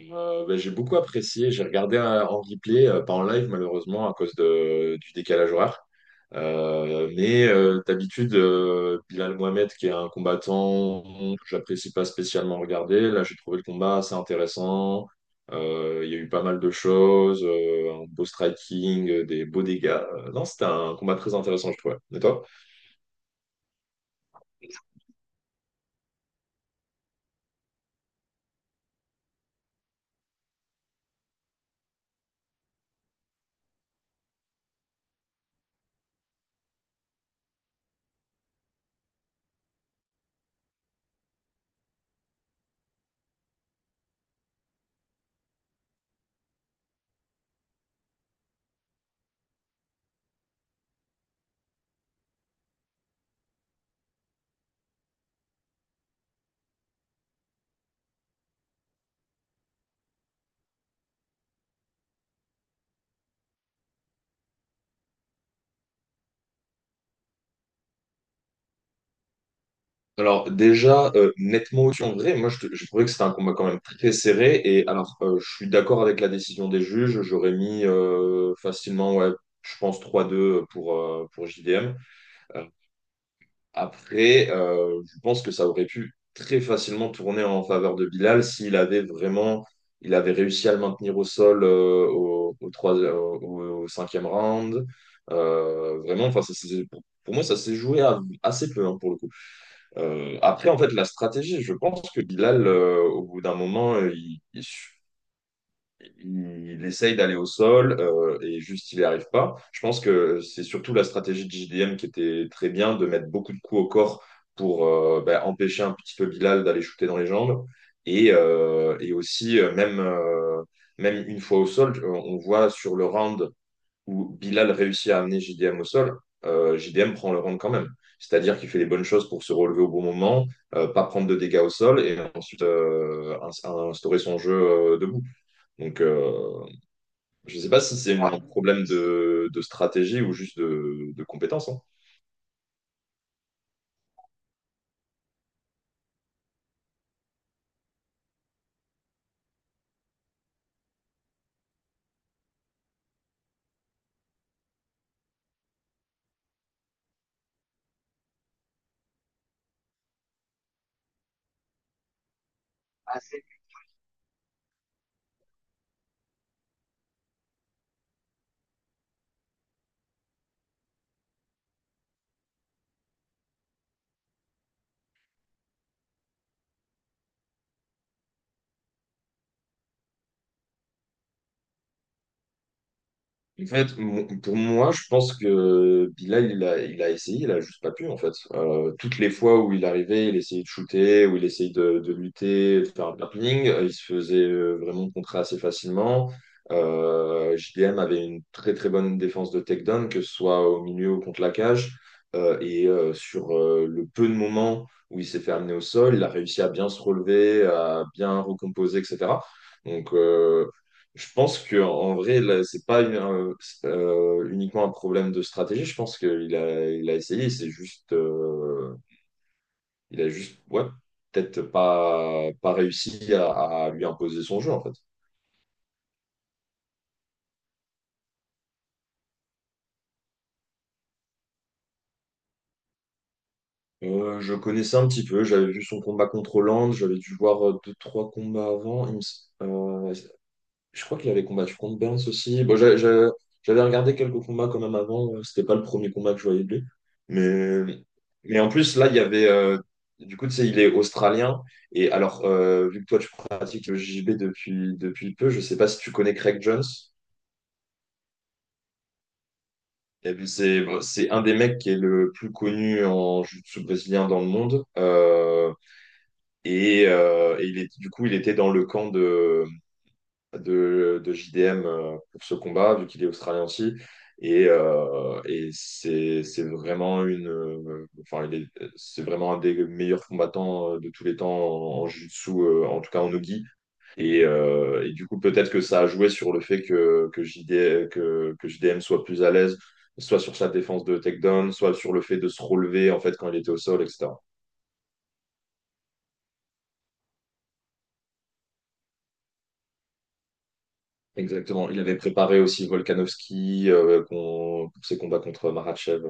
J'ai beaucoup apprécié. J'ai regardé en replay, pas en live malheureusement à cause du décalage horaire. D'habitude, Bilal Mohamed, qui est un combattant que j'apprécie pas spécialement regarder, là j'ai trouvé le combat assez intéressant. Il y a eu pas mal de choses, un beau striking, des beaux dégâts. Non, c'était un combat très intéressant, je trouvais. Et toi? Alors déjà, nettement au-dessus en vrai, je trouvais que c'était un combat quand même très serré. Et alors, je suis d'accord avec la décision des juges, j'aurais mis facilement, ouais, je pense trois deux pour JDM. Euh, je pense que ça aurait pu très facilement tourner en faveur de Bilal s'il avait vraiment, il avait réussi à le maintenir au sol au, au, trois- au- au- au cinquième round. Vraiment, enfin, pour moi, ça s'est joué assez peu hein, pour le coup. Après, en fait, la stratégie, je pense que Bilal, au bout d'un moment, il essaye d'aller au sol et juste il n'y arrive pas. Je pense que c'est surtout la stratégie de JDM qui était très bien, de mettre beaucoup de coups au corps pour empêcher un petit peu Bilal d'aller shooter dans les jambes. Et aussi, même une fois au sol, on voit sur le round où Bilal réussit à amener JDM au sol, JDM prend le round quand même. C'est-à-dire qu'il fait les bonnes choses pour se relever au bon moment, pas prendre de dégâts au sol et ensuite instaurer son jeu debout. Donc, euh, je ne sais pas si c'est un problème de stratégie ou juste de compétence, hein. En fait, pour moi, je pense que Bilal, il a essayé, il a juste pas pu, en fait. Toutes les fois où il arrivait, il essayait de shooter, où il essayait de lutter, de faire un grappling, il se faisait vraiment contrer assez facilement. JDM avait une très très bonne défense de takedown, que ce soit au milieu ou contre la cage. Et sur Le peu de moments où il s'est fait amener au sol, il a réussi à bien se relever, à bien recomposer, etc. Donc, euh, je pense que en vrai, là, c'est pas uniquement un problème de stratégie. Je pense qu'il a, il a essayé. C'est juste, ouais, peut-être pas, pas réussi à lui imposer son jeu en fait. Je connaissais un petit peu. J'avais vu son combat contre Hollande. J'avais dû voir deux, trois combats avant. Je crois qu'il avait combattu contre Burns aussi. Bon, j'avais regardé quelques combats quand même avant. C'était pas le premier combat que je voyais de lui. Mais, mais en plus, là, il y avait. Du coup, tu sais, il est australien. Et alors, vu que toi, tu pratiques le JB depuis, depuis peu, je sais pas si tu connais Craig Jones. Et puis, c'est bon, c'est un des mecs qui est le plus connu en jiu-jitsu brésilien dans le monde. Et il est, du coup, il était dans le camp de JDM pour ce combat, vu qu'il est australien aussi. Et c'est vraiment une, enfin, c'est vraiment un des meilleurs combattants de tous les temps en, en jiu-jitsu, en tout cas en nogi. Et du coup, peut-être que ça a joué sur le fait que, JDM soit plus à l'aise, soit sur sa défense de takedown, soit sur le fait de se relever en fait quand il était au sol, etc. Exactement. Il avait préparé aussi Volkanovski pour ses combats contre Marachev.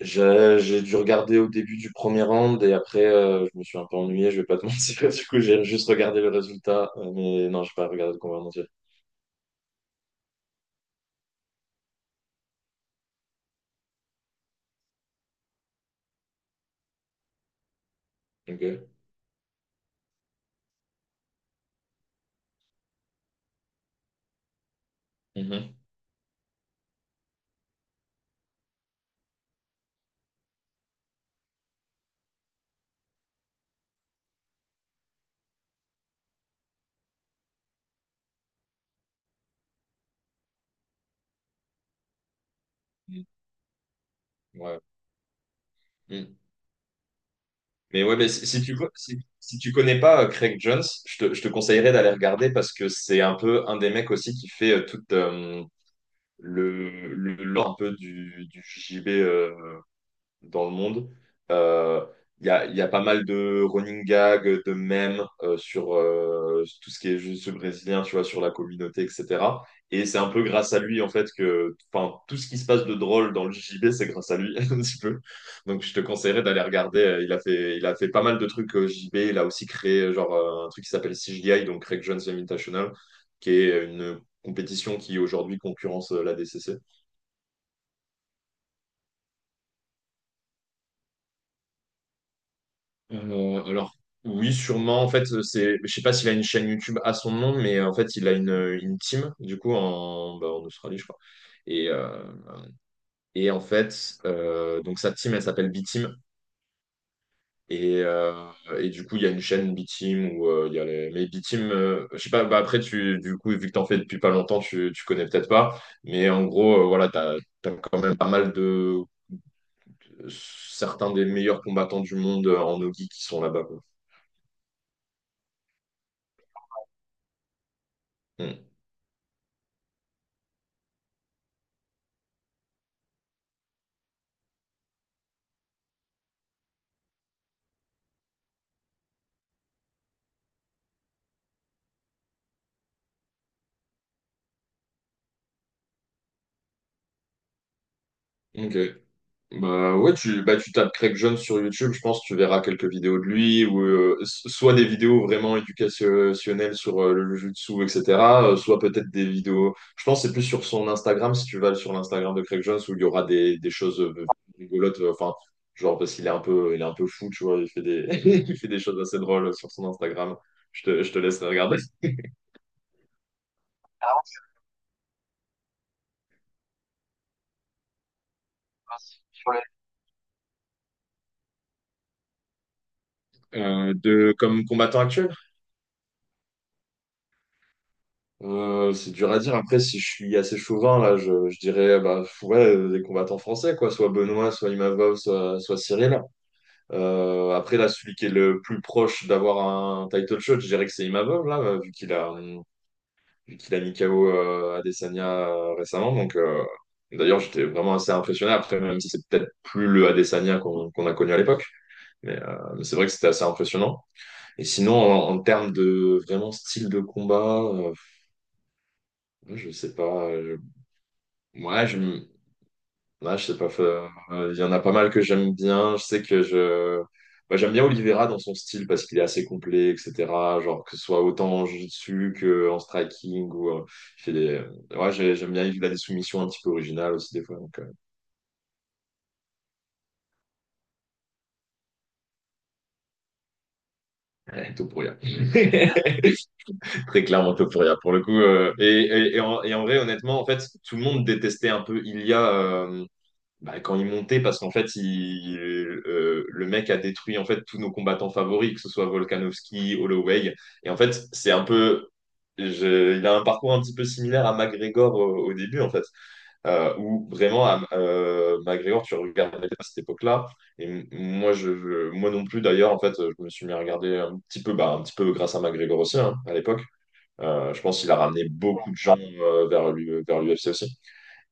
J'ai dû regarder au début du premier round et après je me suis un peu ennuyé, je vais pas te mentir. Du coup, j'ai juste regardé le résultat, mais non, j'ai pas regardé le combat en entier. Ok. Mhm. Mhm. Ouais. Mhm. Mais ouais, mais si, si si, si tu connais pas Craig Jones, je te conseillerais d'aller regarder parce que c'est un peu un des mecs aussi qui fait toute le lore un peu du J B dans le monde. Euh, il y a pas mal de running gags, de mèmes sur tout ce qui est juste brésilien, tu vois, sur la communauté, etc. Et c'est un peu grâce à lui, en fait, que enfin, tout ce qui se passe de drôle dans le JJB, c'est grâce à lui, un petit peu. Donc, je te conseillerais d'aller regarder. Il a fait pas mal de trucs au JJB. Il a aussi créé, un truc qui s'appelle CGI, donc Craig Jones Invitational, qui est une compétition qui, aujourd'hui, concurrence la DCC. Euh, alors, oui, sûrement. En fait, c'est, je sais pas s'il a une chaîne YouTube à son nom, mais en fait, il a une team, du coup, en, bah, en Australie, je crois. Et, donc sa team, elle s'appelle B-Team. Et, euh, et du coup, il y a une chaîne B-Team où il y a les... Mais B-Team, je sais pas, bah après, tu, du coup, vu que t'en fais depuis pas longtemps, tu connais peut-être pas. Mais en gros, voilà, t'as, t'as quand même pas mal de certains des meilleurs combattants du monde en Nogi qui sont là-bas, quoi. Mm. Ok. Bah ouais, tu, bah tu tapes Craig Jones sur YouTube, je pense que tu verras quelques vidéos de lui, ou soit des vidéos vraiment éducationnelles sur le jiu-jitsu, etc., soit peut-être des vidéos. Je pense que c'est plus sur son Instagram, si tu vas sur l'Instagram de Craig Jones, où il y aura des choses rigolotes, enfin, genre parce qu'il est un peu, il est un peu fou, tu vois, il fait des, il fait des choses assez drôles sur son Instagram. Je te laisserai regarder. Comme combattant actuel, c'est dur à dire. Après, si je suis assez chauvin, là, je dirais bah, ouais, des combattants français, quoi. Soit Benoît, soit Imavov, soit Cyril. Après, là, celui qui est le plus proche d'avoir un title shot, je dirais que c'est Imavov, là, vu qu'il a mis KO Adesanya récemment. Donc, d'ailleurs, j'étais vraiment assez impressionné. Après, même si c'est peut-être plus le Adesanya qu'on a connu à l'époque. Mais c'est vrai que c'était assez impressionnant. Et sinon, en, en termes de vraiment style de combat, je sais pas. Moi, je, m- ouais, je sais pas. Il y en a pas mal que j'aime bien. Je sais que j'aime bien Oliveira dans son style parce qu'il est assez complet, etc. Genre que ce soit autant en jiu-jitsu que en striking ou il fait des. Ouais, j'aime bien. Il a des soumissions un petit peu originales aussi des fois. Donc, tout pour rien. Très clairement top pour le coup. Et en vrai, honnêtement, en fait, tout le monde détestait un peu Ilia. Bah, quand il montait, parce qu'en fait, le mec a détruit en fait tous nos combattants favoris, que ce soit Volkanovski, Holloway. Et en fait, c'est un peu, il a un parcours un petit peu similaire à McGregor au, au début, en fait, McGregor, tu regardais à cette époque-là. Et moi non plus, d'ailleurs, en fait, je me suis mis à regarder un petit peu, bah, un petit peu grâce à McGregor aussi, hein, à l'époque. Je pense qu'il a ramené beaucoup de gens vers l'UFC aussi.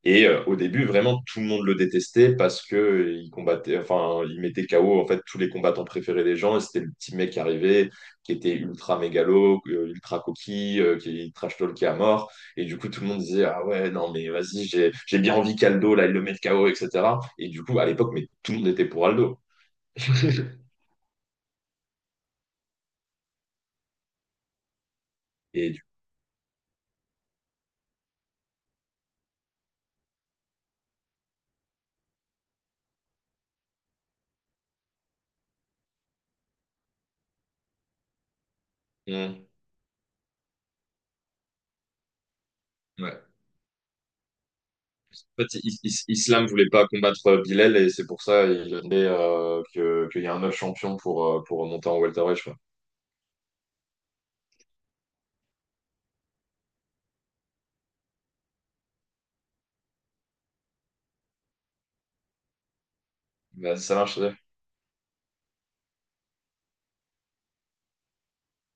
Et au début, vraiment, tout le monde le détestait parce que il combattait, enfin, il mettait KO en fait tous les combattants préférés des gens. Et c'était le petit mec qui arrivait, qui était ultra mégalo, ultra coquille, qui trash talkait à mort. Et du coup, tout le monde disait ah ouais, non mais vas-y, j'ai bien envie qu'Aldo là, il le mette KO, etc. Et cetera. Et du coup, à l'époque, mais tout le monde était pour Aldo. Et du coup, ouais. En fait, Islam voulait pas combattre Bilal et c'est pour ça il a demandé, que qu'il y a un autre champion pour monter en welterweight. Vas-y, ça marche.